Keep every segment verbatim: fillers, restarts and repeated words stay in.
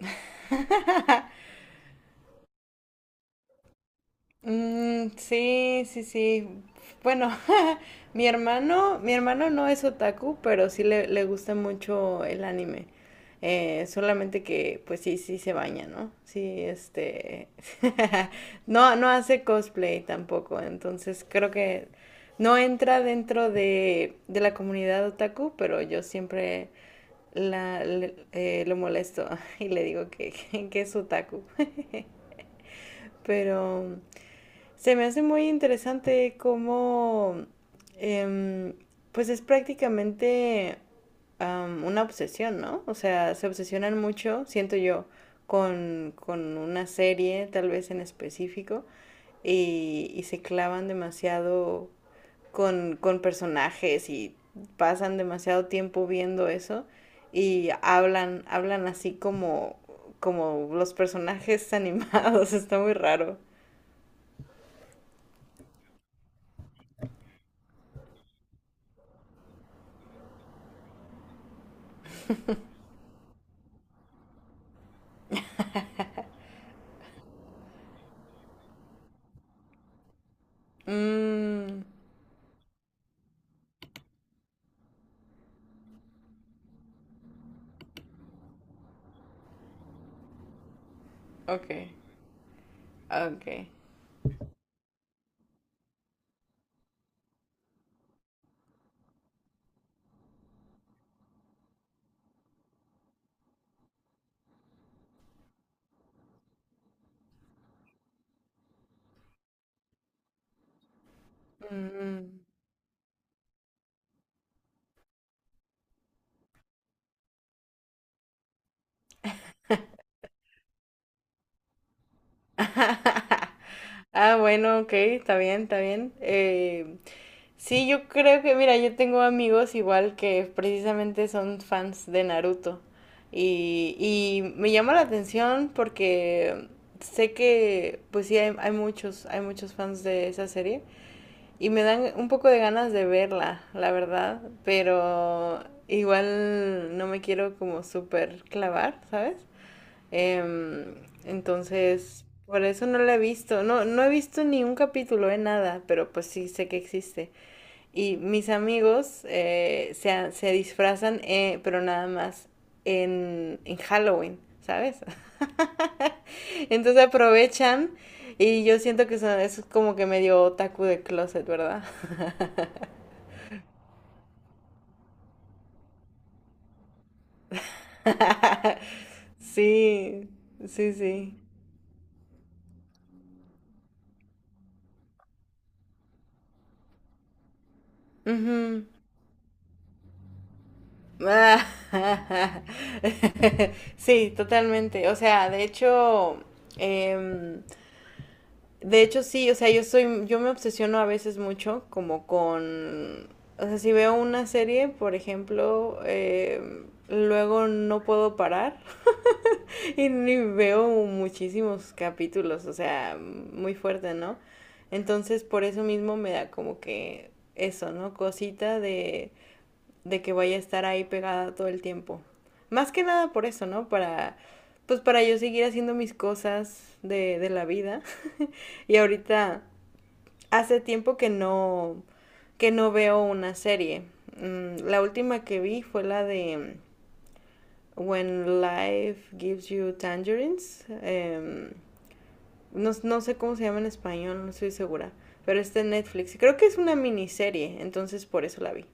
Mm, sí, sí, sí. Bueno, mi hermano, mi hermano no es otaku, pero sí le, le gusta mucho el anime. Eh, solamente que, pues sí, sí se baña, ¿no? Sí, este, no, no hace cosplay tampoco, entonces creo que no entra dentro de, de la comunidad otaku, pero yo siempre la, le- eh, lo molesto y le digo que, que es otaku. Pero se me hace muy interesante cómo, em, pues es prácticamente am, una obsesión, ¿no? O sea, se obsesionan mucho, siento yo, con, con una serie, tal vez en específico, y, y se clavan demasiado con, con personajes y pasan demasiado tiempo viendo eso y hablan, hablan así como, como los personajes animados. Está muy raro. Mm, ok, ok. Mm. Ah, bueno, ok, está bien, está bien. Eh, sí, yo creo que, mira, yo tengo amigos igual que precisamente son fans de Naruto. Y, y me llama la atención porque sé que, pues sí, hay, hay muchos, hay muchos fans de esa serie. Y me dan un poco de ganas de verla, la verdad, pero igual no me quiero como súper clavar, ¿sabes? Em, entonces, por eso no la he visto. No, no he visto ni un capítulo de nada, pero pues sí sé que existe. Y mis amigos eh, se, ha- se disfrazan, eh, pero nada más en, en Halloween, ¿sabes? Entonces aprovechan y yo siento que son, es como que medio otaku de closet, ¿verdad? Sí, sí, sí. Ujú. Ah, sí, totalmente. O sea, de hecho, em, de hecho sí, o sea, yo soy, yo me obsesiono a veces mucho como con, o sea, si veo una serie, por ejemplo, em, luego no puedo parar. Y veo muchísimos capítulos, o sea, muy fuerte, ¿no? Entonces, por eso mismo me da como que eso, ¿no? Cosita de, de que vaya a estar ahí pegada todo el tiempo. Más que nada por eso, ¿no? Para, pues para yo seguir haciendo mis cosas de, de la vida. Y ahorita hace tiempo que no, que no veo una serie. Mm, la última que vi fue la de When Life Gives You Tangerines. em, No, no sé cómo se llama en español, no estoy segura. Pero está en Netflix. Y creo que es una miniserie, entonces por eso la vi.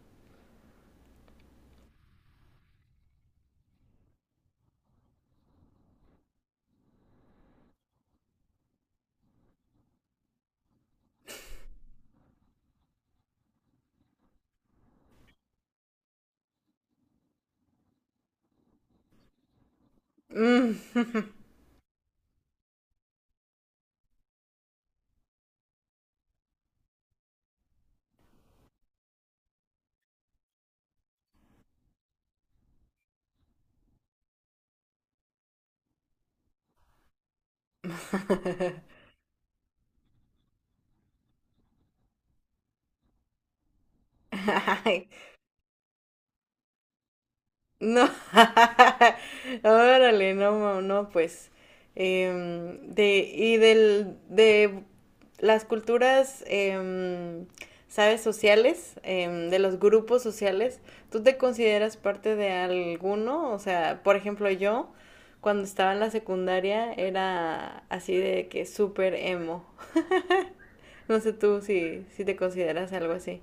Mm. No, órale, no, ma- no, pues, em, de, y del, de las culturas, em, sabes, sociales, em, de los grupos sociales, ¿tú te consideras parte de alguno? O sea, por ejemplo, yo, cuando estaba en la secundaria, era así de que súper emo. No sé tú si, si te consideras algo así.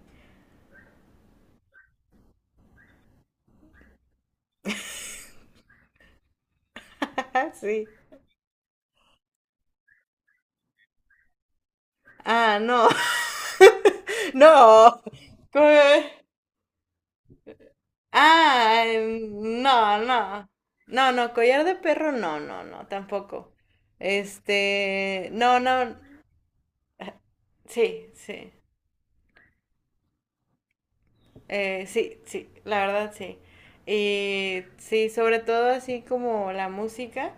Sí. Ah, no, no. ¿Cómo? Ah, em, no, no. No, no, collar de perro, no, no, no, tampoco. Este, no, no, sí, sí. Eh, sí, sí, la verdad sí. Y sí, sobre todo así como la música,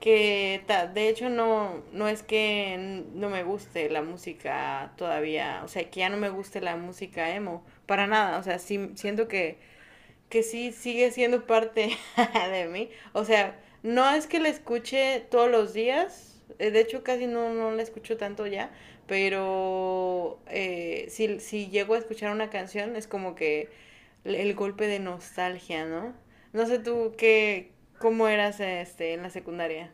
que ta- de hecho no, no es que n- no me guste la música todavía, o sea, que ya no me guste la música emo, para nada, o sea, sí siento que que sí sigue siendo parte de mí. O sea, no es que la escuche todos los días, eh, de hecho casi no, no la escucho tanto ya, pero eh, si, si llego a escuchar una canción es como que el, el golpe de nostalgia, ¿no? No sé tú qué, cómo eras este, en la secundaria.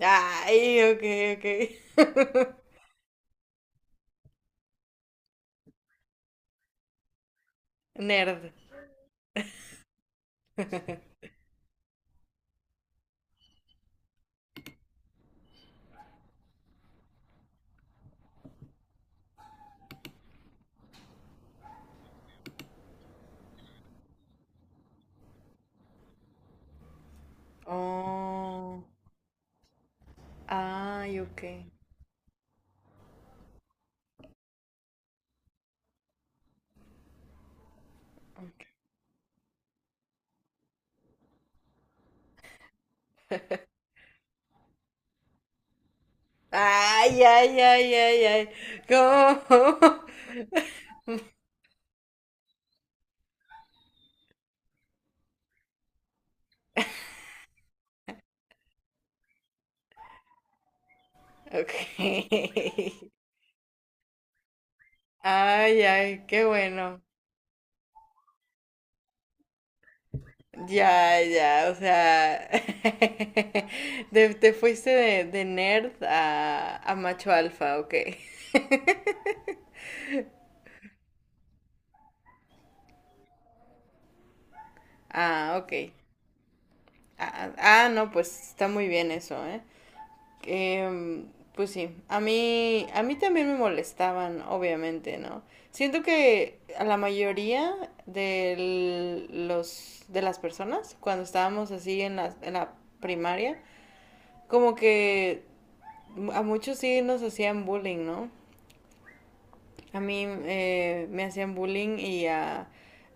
Ay, ok, ok. Nerd. Oh, ay, ok. Ay, ay, ay, ay, ay. ¿Cómo? Ok. Ay, ay, qué bueno. Ya, ya, o sea, te, te fuiste de, de nerd a, a macho alfa, ok. Ah, ok. Ah, ah, ah, no, pues está muy bien eso, ¿eh? Eh, pues sí, a mí, a mí también me molestaban, obviamente, ¿no? Siento que a la mayoría de los de las personas, cuando estábamos así en la, en la primaria, como que a muchos sí nos hacían bullying, ¿no? A mí eh, me hacían bullying y a,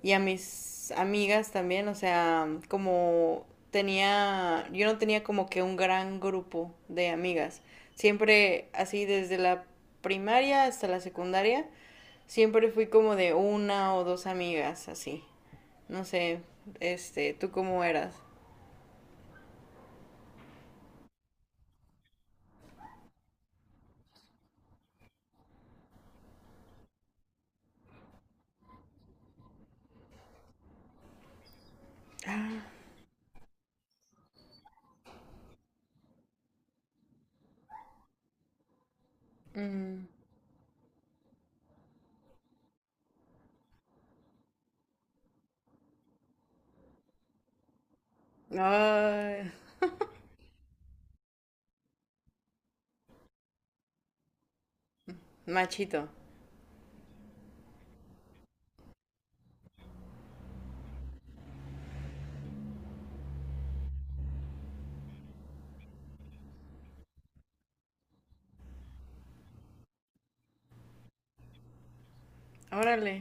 y a mis amigas también, o sea, como tenía, yo no tenía como que un gran grupo de amigas. Siempre así desde la primaria hasta la secundaria, siempre fui como de una o dos amigas así. No sé, este, ¿tú cómo eras? Ujú. Ay, machito. Órale.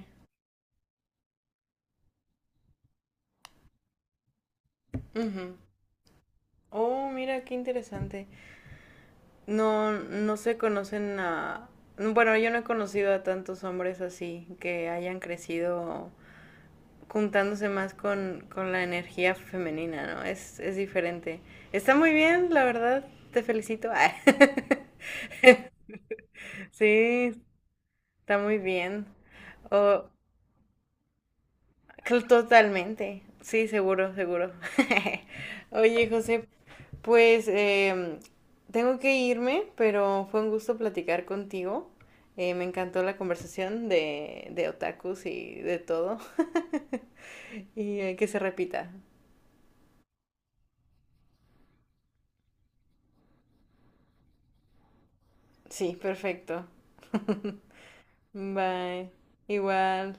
Ujú. Oh, mira, qué interesante. No, no se conocen a... Bueno, yo no he conocido a tantos hombres así que hayan crecido juntándose más con, con la energía femenina, ¿no? Es, es diferente. Está muy bien, la verdad. Te felicito. Ah, sí, está muy bien. Oh, cl- totalmente. Sí, seguro, seguro. Oye, José, pues em, tengo que irme, pero fue un gusto platicar contigo. Eh, me encantó la conversación de, de otakus y de todo. Y eh, que se repita. Sí, perfecto. Bye. Igual.